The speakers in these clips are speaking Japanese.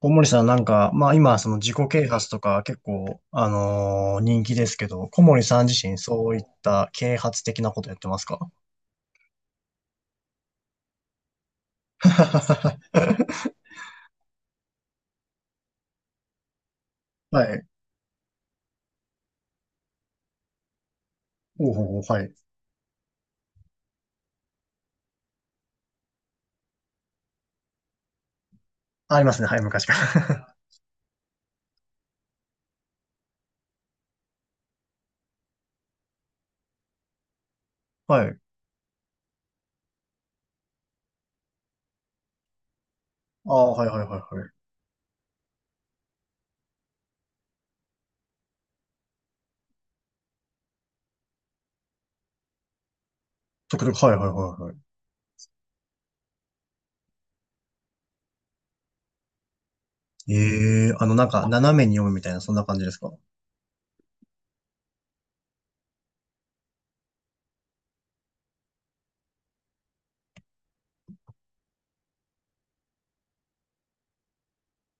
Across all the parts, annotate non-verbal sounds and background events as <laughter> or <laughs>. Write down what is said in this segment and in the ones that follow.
小森さんなんか、まあ今その自己啓発とか結構、人気ですけど、小森さん自身そういった啓発的なことやってますか？ <laughs> はい。おうほうほう、はい。ありますね。はい、昔から。<laughs> はい。ああ、はいはいはいはい。とくちょく、はいはいはいはい。ええ、なんか斜めに読むみたいな、そんな感じですか？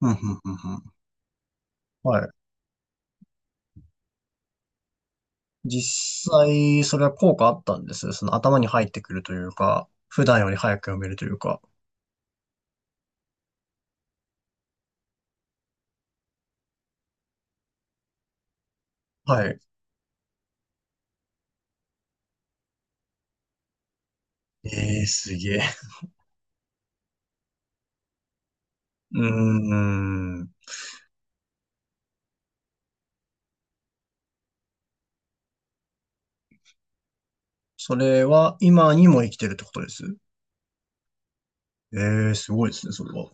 うん、うん、うん、うん。はい。実際、それは効果あったんですその頭に入ってくるというか、普段より早く読めるというか。はい。ええすげえ。うーん。それは今にも生きてるってことですええー、すごいですね、それは。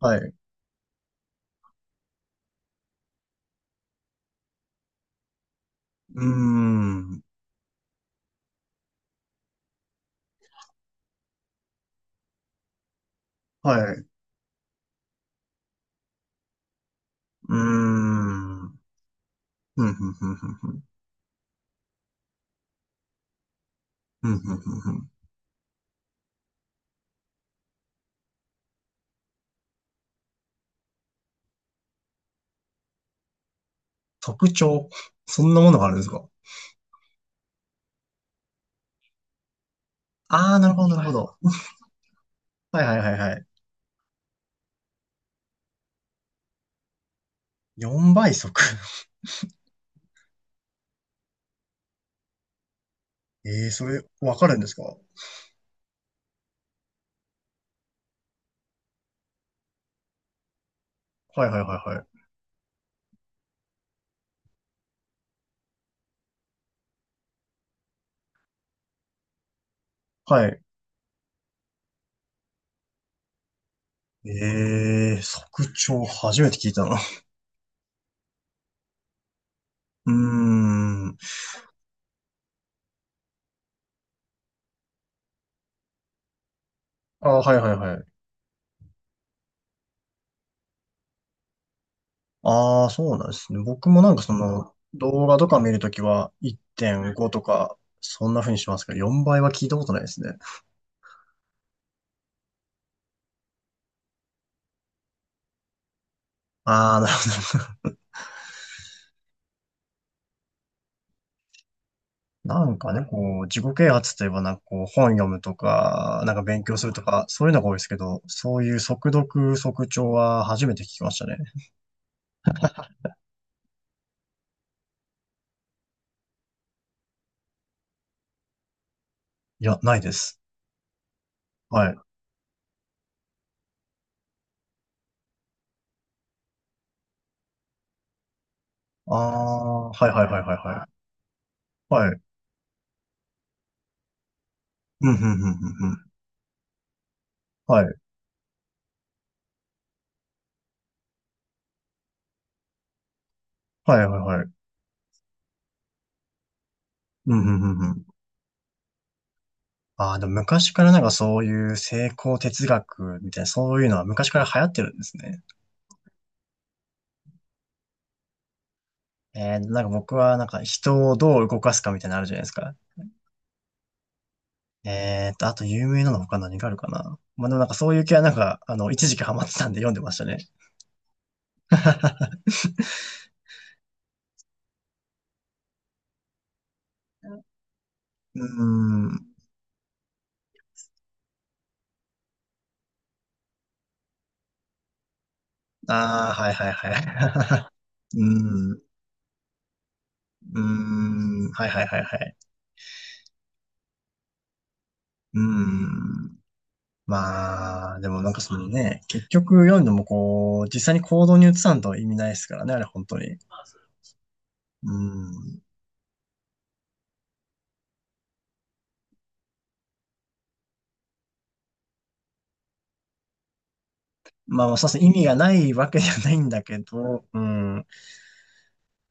はい。うーん。はい。うーん。ふんふんふんふんふん。ふんふんふんふん。特徴。そんなものがあるんですか？ああー、なるほど、なるほど。はいはいはいはい。4倍速。<laughs> ええー、それ、わかるんですか？はいはいはいはい。はい。ええー、速聴初めて聞いたな。うーん。ああ、はいはいはい。ああ、そうなんですね。僕もなんかその、動画とか見るときは1.5とか、そんな風にしますけど、4倍は聞いたことないですね。ああ、なるほど。<laughs> なんかね、こう、自己啓発といえばなんかこう、本読むとか、なんか勉強するとか、そういうのが多いですけど、そういう速読、速聴は初めて聞きましたね。いや、ないです。はい。ああ、はいはいはいはいはい。はい。うん、うん、うん、うん、うん。はい。はいはいはい。うん、うん、うん、うん。ああ、でも昔からなんかそういう成功哲学みたいな、そういうのは昔から流行ってるんですね。なんか僕はなんか人をどう動かすかみたいなのあるじゃないですか。あと有名なの他何があるかな。まあでもなんかそういう系はなんか、一時期ハマってたんで読んでましたね。うーん。ああ、はいはいはい。<laughs> うーん。うーん。はいはいはいはい。うーん。まあ、でもなんかそのね、結局読んでもこう、実際に行動に移さんと意味ないですからね、あれ本当に。うん。まあ、そうですね、意味がないわけじゃないんだけど、うん。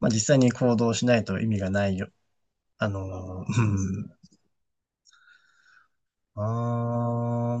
まあ、実際に行動しないと意味がないよ。うん。あ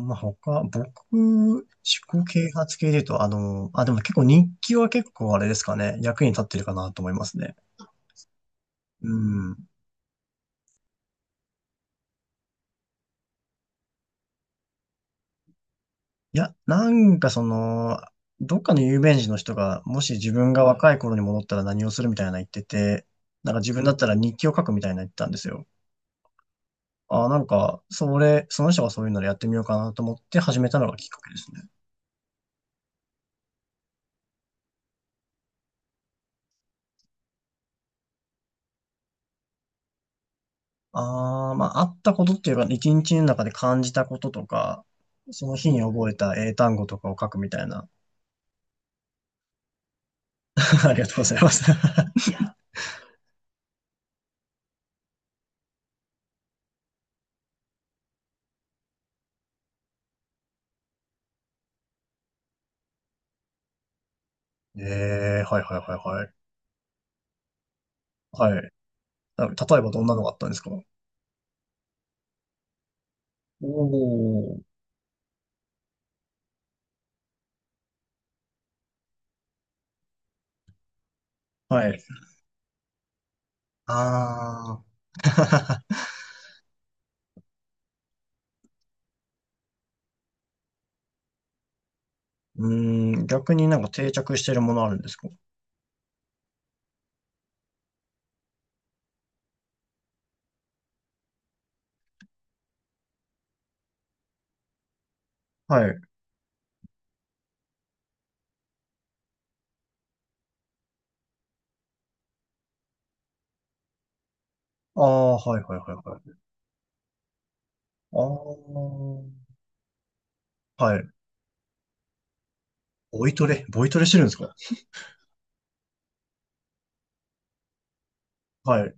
ー、まあ、他、僕、思考啓発系で言うと、あ、でもね結構日記は結構あれですかね、役に立ってるかなと思いますね。うん。いや、なんかその、どっかの有名人の人が、もし自分が若い頃に戻ったら何をするみたいな言ってて、なんか自分だったら日記を書くみたいな言ってたんですよ。あー、なんか、それ、その人がそういうのでやってみようかなと思って始めたのがきっかけですね。ああ、まあ、あったことっていうか、一日の中で感じたこととか、その日に覚えた英単語とかを書くみたいな。<laughs> ありがとうございます。<laughs> ええはいはいはいはい。はい。あ、例えばどんなのがあったんですか？おー。はい。ああ。<laughs> うーん、逆になんか定着してるものあるんですか？はい。ああ、はいはいはいはい。ああ。はい。ボイトレ、ボイトレしてるんですか？はい。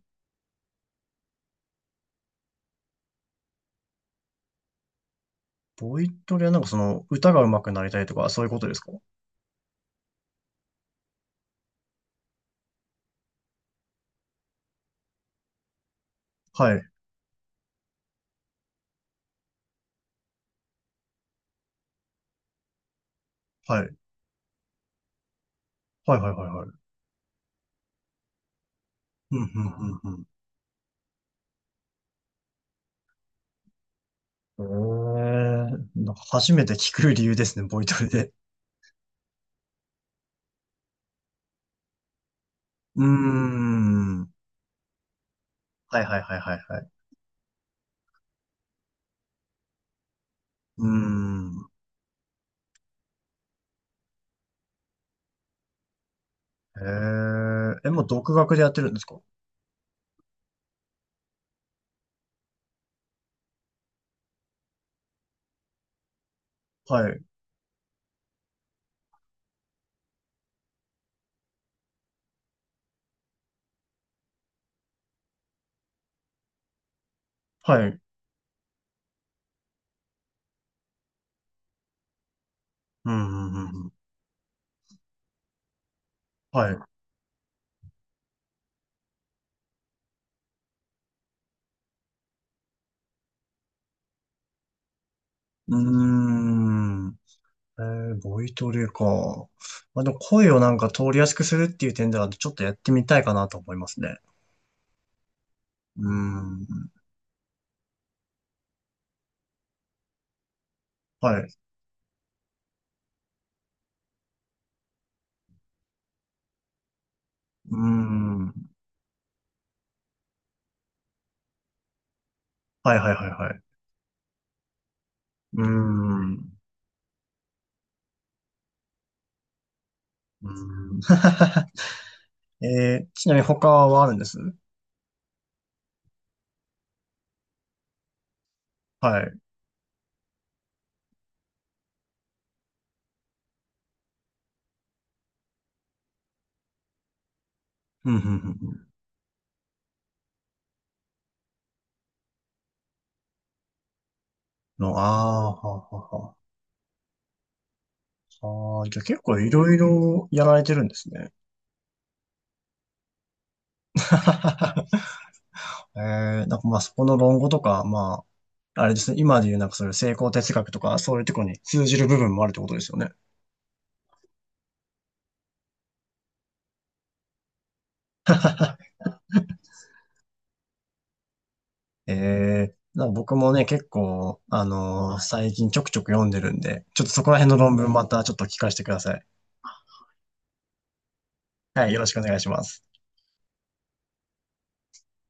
ボイトレはなんかその歌が上手くなりたいとか、そういうことですか？はい。はい。はいはいはいはい。うんうんうんうん。なんか初めて聞く理由ですね、ボイトレで。うーん。はいはいはいはいはい。うーん。もう独学でやってるんですか？はい。はい。うんうんうんうん。はい。うーん。ボイトレか。まあ、でも声をなんか通りやすくするっていう点では、ちょっとやってみたいかなと思いますね。うーん。はい。うーん。はいはいはいはい。うーん。うーん。<laughs> ちなみに他はあるんですはい。うん、うん、うんうん。の、ああー、はあ、はあ、はあ。あー、じゃあ結構いろいろやられてるんですね。<laughs> えなんかまあそこの論語とか、まあ、あれですね、今で言うなんかそういう成功哲学とか、そういうところに通じる部分もあるってことですよね。ええな僕もね、結構、最近ちょくちょく読んでるんで、ちょっとそこら辺の論文またちょっと聞かせてください。はい、よろしくお願いします。